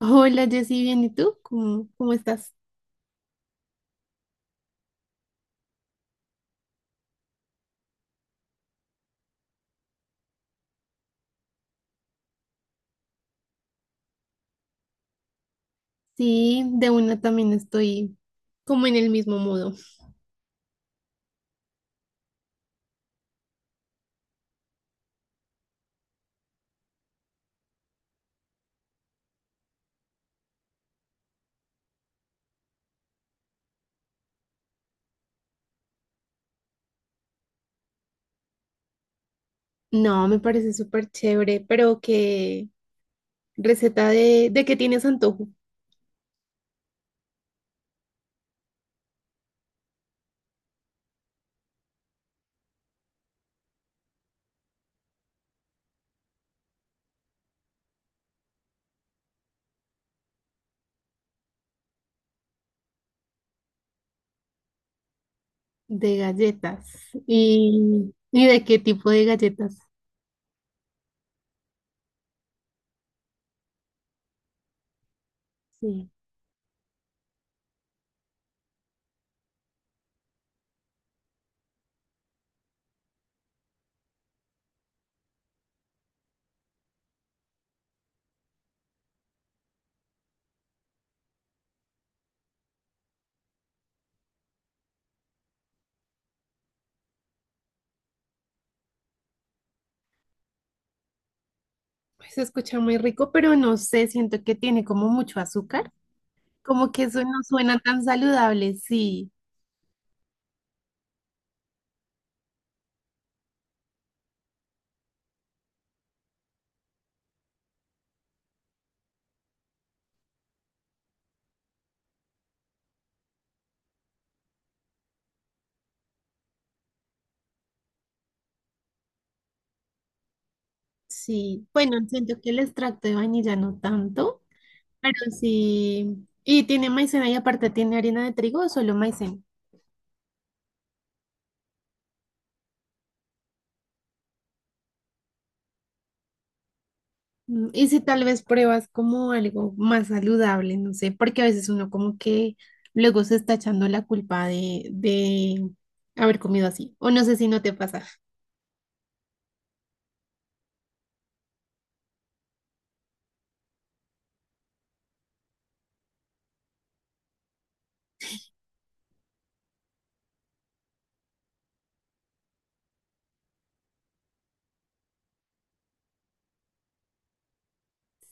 Hola Jessy, bien, ¿y tú? ¿Cómo estás? Sí, de una también estoy como en el mismo modo. No, me parece súper chévere, pero qué receta de qué tienes antojo, de galletas. ¿Y de qué tipo de galletas? Sí, pues se escucha muy rico, pero no sé, siento que tiene como mucho azúcar, como que eso no suena tan saludable, sí, sí. Bueno, siento que el extracto de vainilla no tanto. Pero sí. ¿Y tiene maicena y aparte tiene harina de trigo o solo maicena? Y si tal vez pruebas como algo más saludable, no sé, porque a veces uno como que luego se está echando la culpa de haber comido así. O no sé si no te pasa.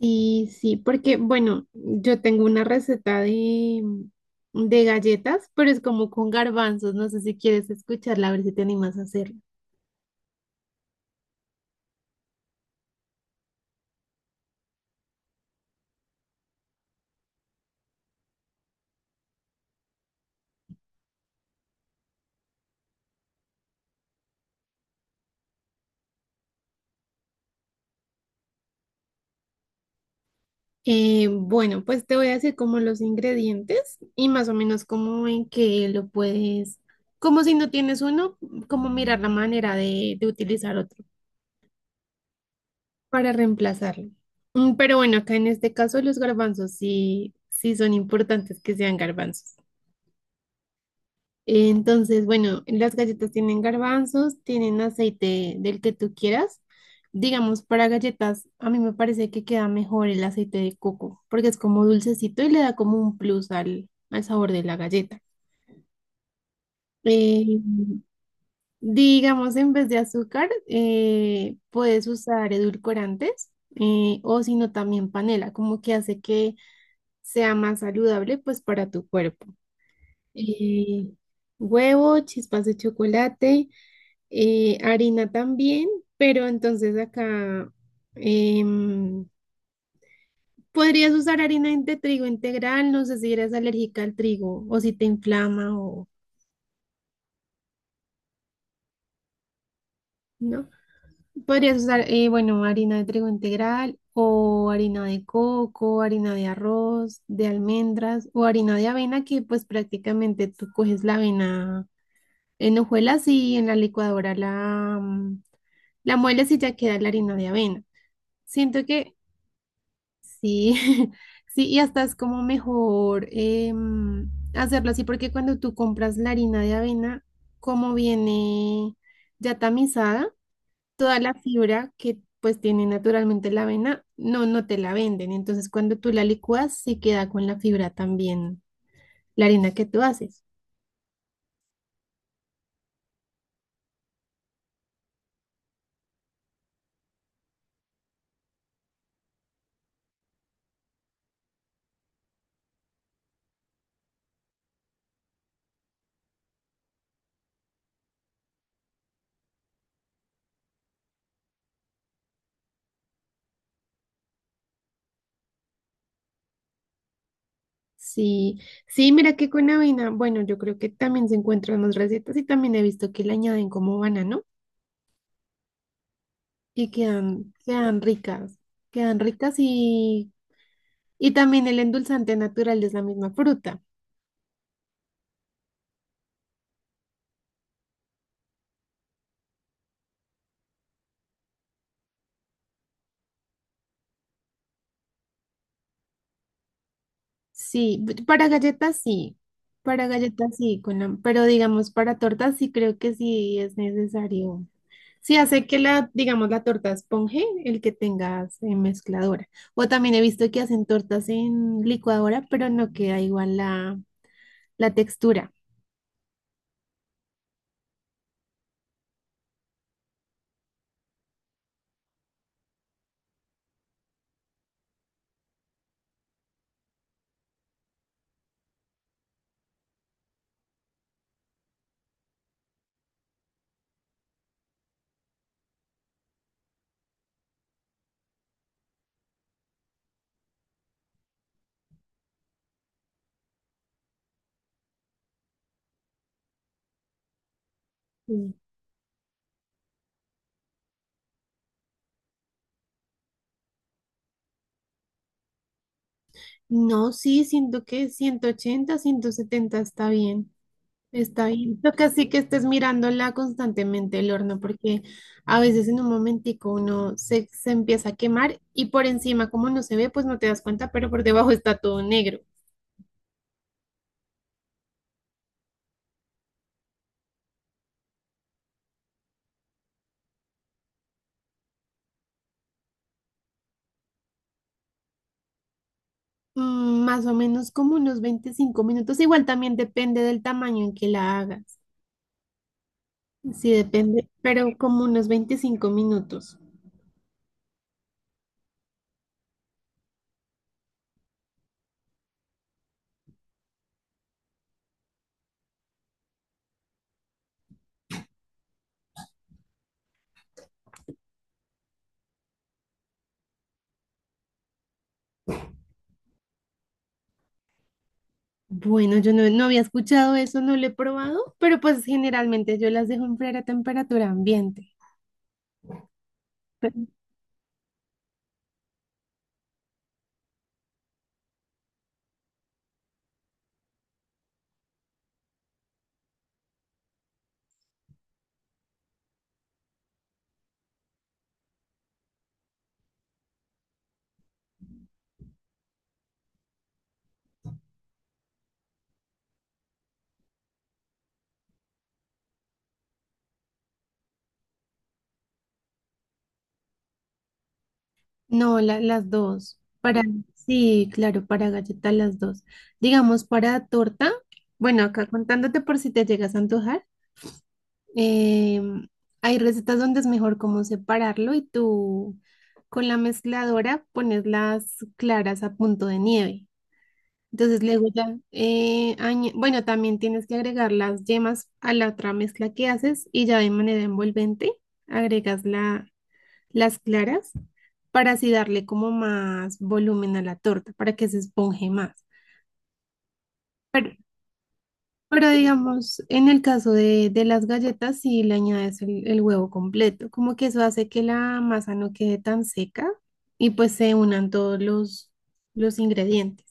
Sí, sí, porque bueno, yo tengo una receta de galletas, pero es como con garbanzos. No sé si quieres escucharla, a ver si te animas a hacerla. Bueno, pues te voy a decir como los ingredientes y más o menos como en que lo puedes, como si no tienes uno, como mirar la manera de utilizar otro para reemplazarlo. Pero bueno, acá en este caso los garbanzos sí, sí son importantes que sean garbanzos. Entonces, bueno, las galletas tienen garbanzos, tienen aceite del que tú quieras. Digamos, para galletas, a mí me parece que queda mejor el aceite de coco, porque es como dulcecito y le da como un plus al, al sabor de la galleta. Eh, digamos, en vez de azúcar, puedes usar edulcorantes o si no, también panela, como que hace que sea más saludable pues para tu cuerpo. Eh, Huevo, chispas de chocolate. Harina también, pero entonces acá em, podrías usar harina de trigo integral, no sé si eres alérgica al trigo o si te inflama o no. Podrías usar, bueno, harina de trigo integral o harina de coco, harina de arroz, de almendras o harina de avena que pues prácticamente tú coges la avena en hojuelas y en la licuadora la, la mueles y ya queda la harina de avena. Siento que sí, sí, y hasta es como mejor em, hacerlo así, porque cuando tú compras la harina de avena, como viene ya tamizada, toda la fibra que pues tiene naturalmente la avena, no, no te la venden. Entonces, cuando tú la licúas, se queda con la fibra también, la harina que tú haces. Sí, sí, mira que con avena, bueno, yo creo que también se encuentran más recetas y también he visto que le añaden como banano y quedan, quedan ricas. Quedan ricas y Y también el endulzante natural es la misma fruta. Sí, b- para galletas sí, con la- pero digamos para tortas sí creo que sí es necesario. Sí, hace que la, digamos, la torta esponje, el que tengas en mezcladora. O también he visto que hacen tortas en licuadora, pero no queda igual la, la textura. Mm. No, sí, siento que 180, 170 está bien. Está bien. Toca sí que estés mirándola constantemente el horno, porque a veces en un momentico uno se, se empieza a quemar y por encima, como no se ve, pues no te das cuenta, pero por debajo está todo negro. Más o menos como unos 25 minutos. Igual también depende del tamaño en que la hagas. Sí, depende, pero como unos 25 minutos. Bueno, yo no, no había escuchado eso, no lo he probado, pero pues generalmente yo las dejo enfriar a temperatura ambiente. No, la- las dos. Para, sí, claro, para galleta las dos. Digamos, para torta, bueno, acá contándote por si te llegas a antojar, em, hay recetas donde es mejor como separarlo y tú con la mezcladora pones las claras a punto de nieve. Entonces luego ya, añe- bueno, también tienes que agregar las yemas a la otra mezcla que haces y ya de manera envolvente agregas la, las claras para así darle como más volumen a la torta, para que se esponje más. Pero, pero digamos, en el caso de las galletas, si le añades el huevo completo, como que eso hace que la masa no quede tan seca y pues se unan todos los ingredientes.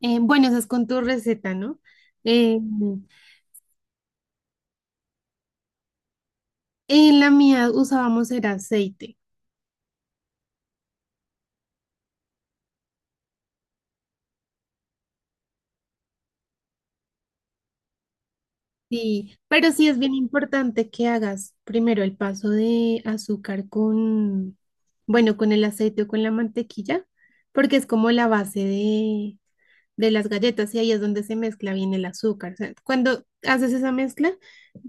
Bueno, esa es con tu receta, ¿no? Eh, en la mía usábamos el aceite. Sí, pero sí es bien importante que hagas primero el paso de azúcar con, bueno, con el aceite o con la mantequilla, porque es como la base de las galletas y ahí es donde se mezcla bien el azúcar. O sea, cuando haces esa mezcla,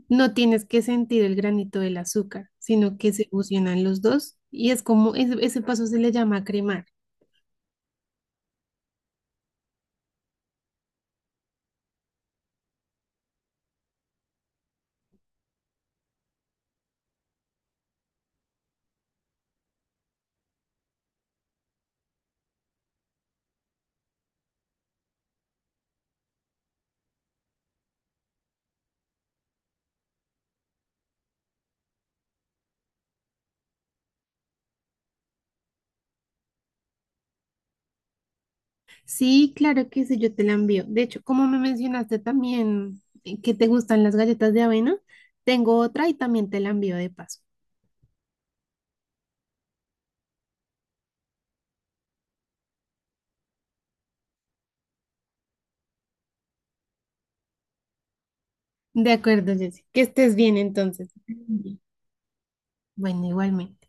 no tienes que sentir el granito del azúcar, sino que se fusionan los dos y es como, ese paso se le llama cremar. Sí, claro que sí, yo te la envío. De hecho, como me mencionaste también que te gustan las galletas de avena, tengo otra y también te la envío de paso. De acuerdo, Jessy. Que estés bien entonces. Bien. Bueno, igualmente.